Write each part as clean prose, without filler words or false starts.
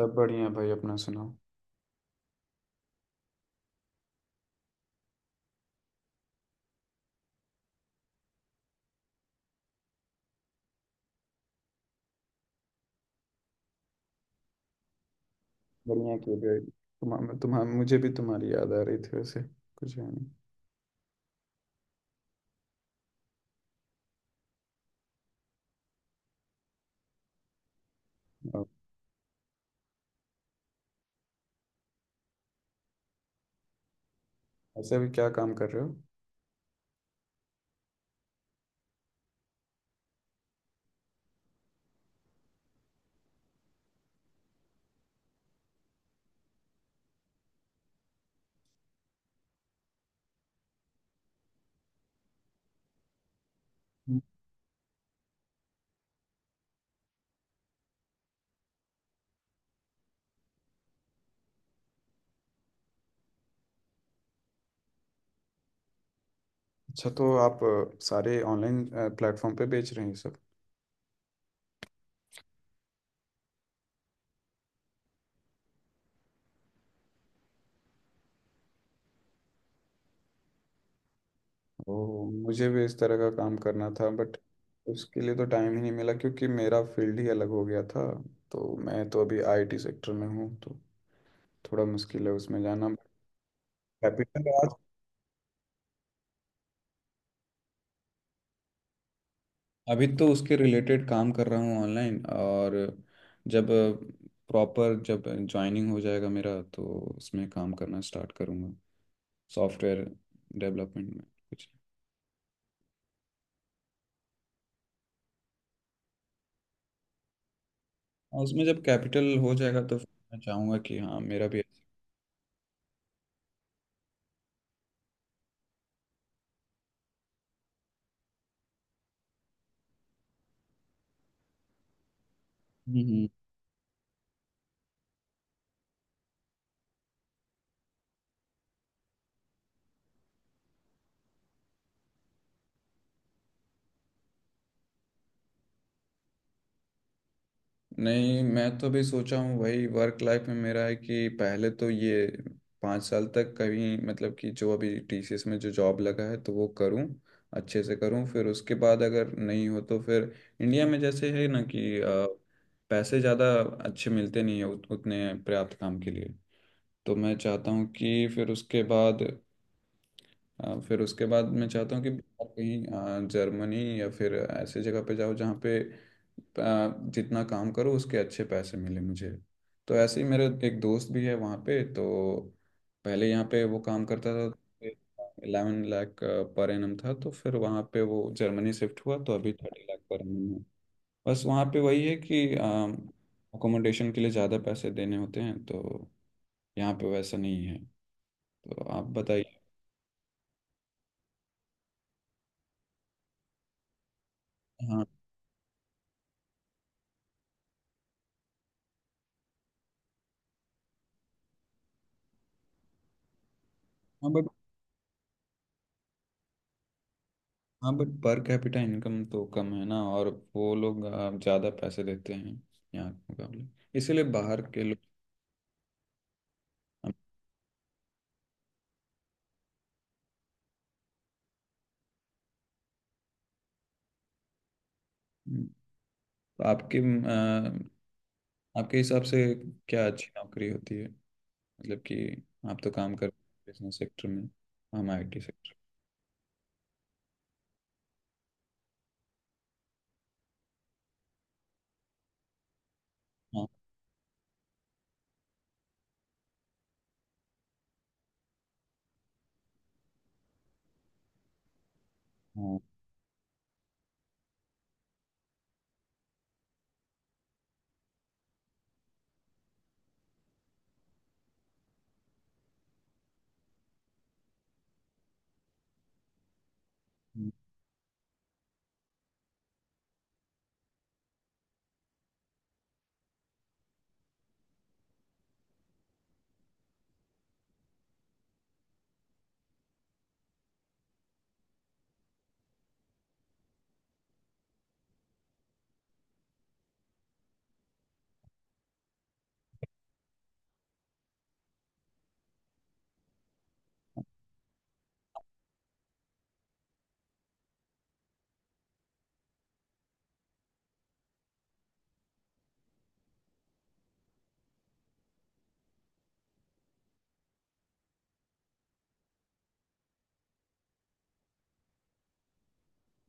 सब बढ़िया है भाई। अपना सुनाओ। बढ़िया। क्यों भाई? तुम्हारा तुम्हारा मुझे भी तुम्हारी याद आ रही थी, वैसे कुछ है नहीं। और ऐसे भी क्या काम कर रहे हो? हम्म। अच्छा, तो आप सारे ऑनलाइन प्लेटफॉर्म पे बेच रहे हैं ये सब? ओ, मुझे भी इस तरह का काम करना था, बट उसके लिए तो टाइम ही नहीं मिला क्योंकि मेरा फील्ड ही अलग हो गया था। तो मैं तो अभी आईटी सेक्टर में हूँ तो थोड़ा मुश्किल है उसमें जाना। कैपिटल। अभी तो उसके रिलेटेड काम कर रहा हूँ ऑनलाइन, और जब प्रॉपर जब ज्वाइनिंग हो जाएगा मेरा तो उसमें काम करना स्टार्ट करूँगा, सॉफ्टवेयर डेवलपमेंट में कुछ। और उसमें जब कैपिटल हो जाएगा तो फिर मैं चाहूँगा कि हाँ, मेरा भी। हम्म। नहीं, मैं तो भी सोचा हूँ, वही वर्क लाइफ में मेरा है कि पहले तो ये 5 साल तक कहीं, मतलब कि जो अभी टीसीएस में जो जॉब लगा है तो वो करूँ, अच्छे से करूँ। फिर उसके बाद अगर नहीं हो तो फिर इंडिया में, जैसे है ना कि पैसे ज़्यादा अच्छे मिलते नहीं है उतने पर्याप्त काम के लिए। तो मैं चाहता हूँ कि फिर उसके बाद, फिर उसके बाद मैं चाहता हूँ कि बाहर कहीं, जर्मनी या फिर ऐसे जगह पे जाओ जहाँ पे जितना काम करो उसके अच्छे पैसे मिले मुझे। तो ऐसे ही मेरा एक दोस्त भी है वहाँ पे। तो पहले यहाँ पे वो काम करता था, 11 लाख पर एनम था, तो फिर वहाँ पे वो जर्मनी शिफ्ट हुआ तो अभी 30 लाख पर एनम है। बस वहाँ पे वही है कि अकोमोडेशन के लिए ज़्यादा पैसे देने होते हैं, तो यहाँ पे वैसा नहीं है। तो आप बताइए। हाँ, हाँ। हाँ, बट पर कैपिटा इनकम तो कम है ना, और वो लोग ज़्यादा पैसे देते हैं यहाँ के मुकाबले, इसीलिए बाहर के लोग। तो आ, आपके हिसाब से क्या अच्छी नौकरी होती है, मतलब कि आप तो काम कर बिजनेस सेक्टर में, हम आईटी सेक्टर। हाँ, हाँ।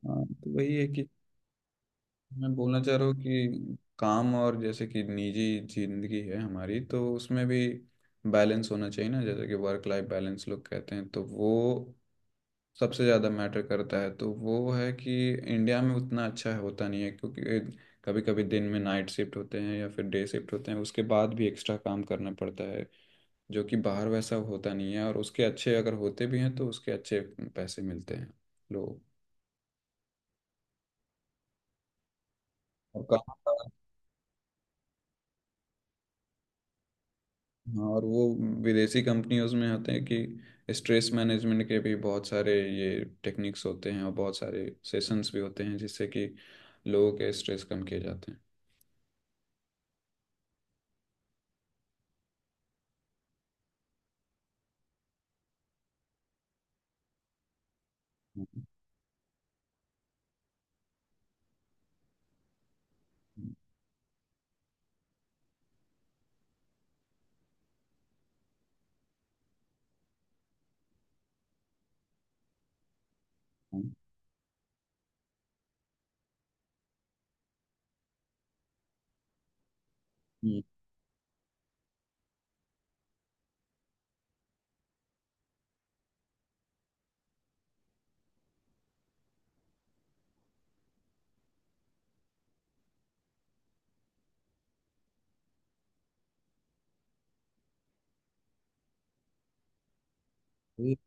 हाँ, तो वही है कि मैं बोलना चाह रहा हूँ कि काम, और जैसे कि निजी जिंदगी है हमारी, तो उसमें भी बैलेंस होना चाहिए ना। जैसे कि वर्क लाइफ बैलेंस लोग कहते हैं, तो वो सबसे ज़्यादा मैटर करता है। तो वो है कि इंडिया में उतना अच्छा होता नहीं है क्योंकि कभी कभी दिन में नाइट शिफ्ट होते हैं या फिर डे शिफ्ट होते हैं, उसके बाद भी एक्स्ट्रा काम करना पड़ता है, जो कि बाहर वैसा होता नहीं है, और उसके अच्छे अगर होते भी हैं तो उसके अच्छे पैसे मिलते हैं लोग और काम। हाँ, और वो विदेशी कंपनियों में होते हैं कि स्ट्रेस मैनेजमेंट के भी बहुत सारे ये टेक्निक्स होते हैं, और बहुत सारे सेशंस भी होते हैं जिससे कि लोगों के स्ट्रेस कम किए जाते हैं। हम्म, वही-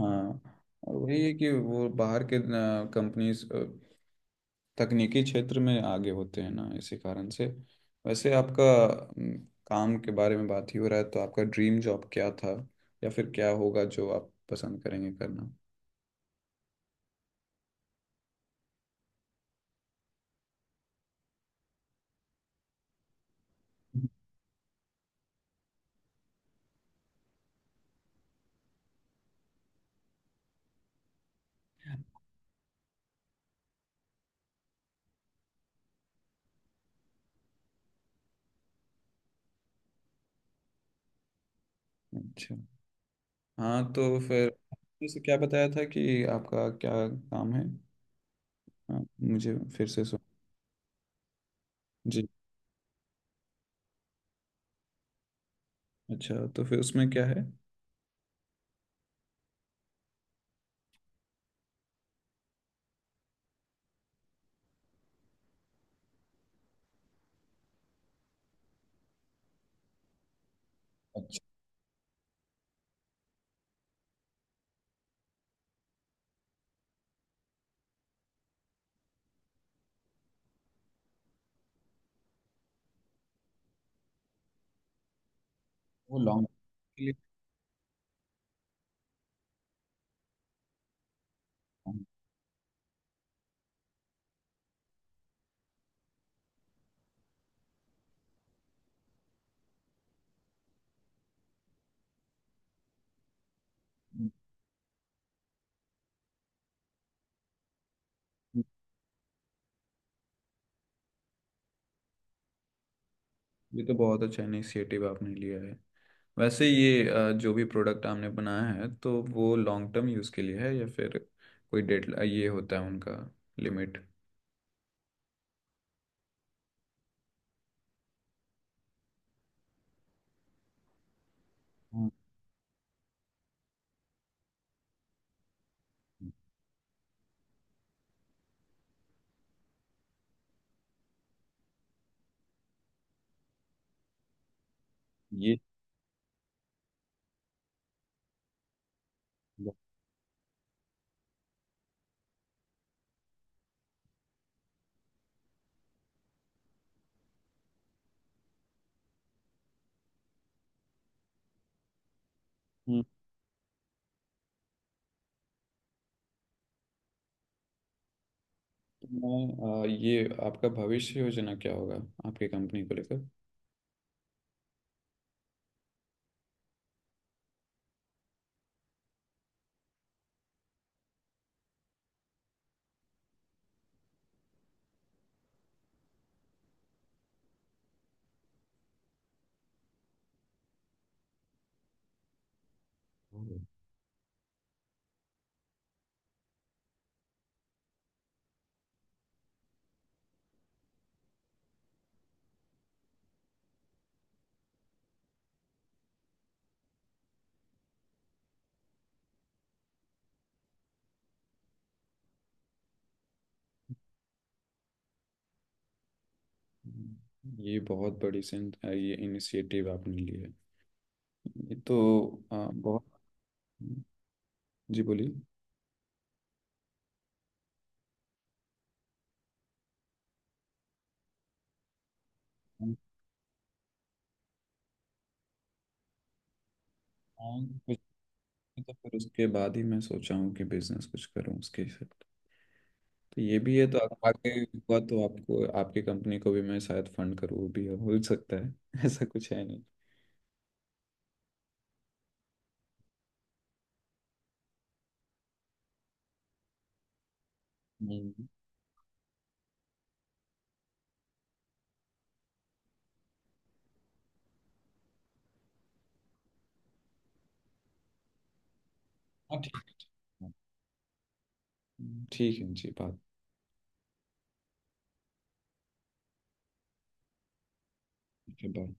हाँ, और वही है कि वो बाहर के कंपनीज तकनीकी क्षेत्र में आगे होते हैं ना, इसी कारण से। वैसे आपका काम के बारे में बात ही हो रहा है, तो आपका ड्रीम जॉब क्या था, या फिर क्या होगा जो आप पसंद करेंगे करना? अच्छा, हाँ, तो फिर जैसे क्या बताया था कि आपका क्या काम है? हाँ, मुझे फिर से सुन। जी। अच्छा, तो फिर उसमें क्या है? अच्छा। वो लॉन्ग। ये तो बहुत अच्छा इनिशिएटिव आपने लिया है। वैसे ये जो भी प्रोडक्ट आपने बनाया है तो वो लॉन्ग टर्म यूज़ के लिए है, या फिर कोई डेट ये होता है उनका, लिमिट? हाँ, ये। हम्म, तो मैं ये आपका भविष्य योजना क्या होगा आपकी कंपनी को लेकर? हम्म, ये बहुत बड़ी ये इनिशिएटिव आपने लिया है। ये तो बहुत। जी, बोलिए। हाँ, कुछ। नहीं, तो फिर उसके बाद ही मैं सोचा हूँ कि बिजनेस कुछ करूँ उसके हिसाब, तो ये भी है। तो आगे हुआ तो आपको आपकी कंपनी को भी मैं शायद फंड करूँ, वो भी हो सकता है। ऐसा कुछ है नहीं। हम्म, हाँ, ठीक है। ठीक है। ठीक है जी, बात। ठीक है, बाय।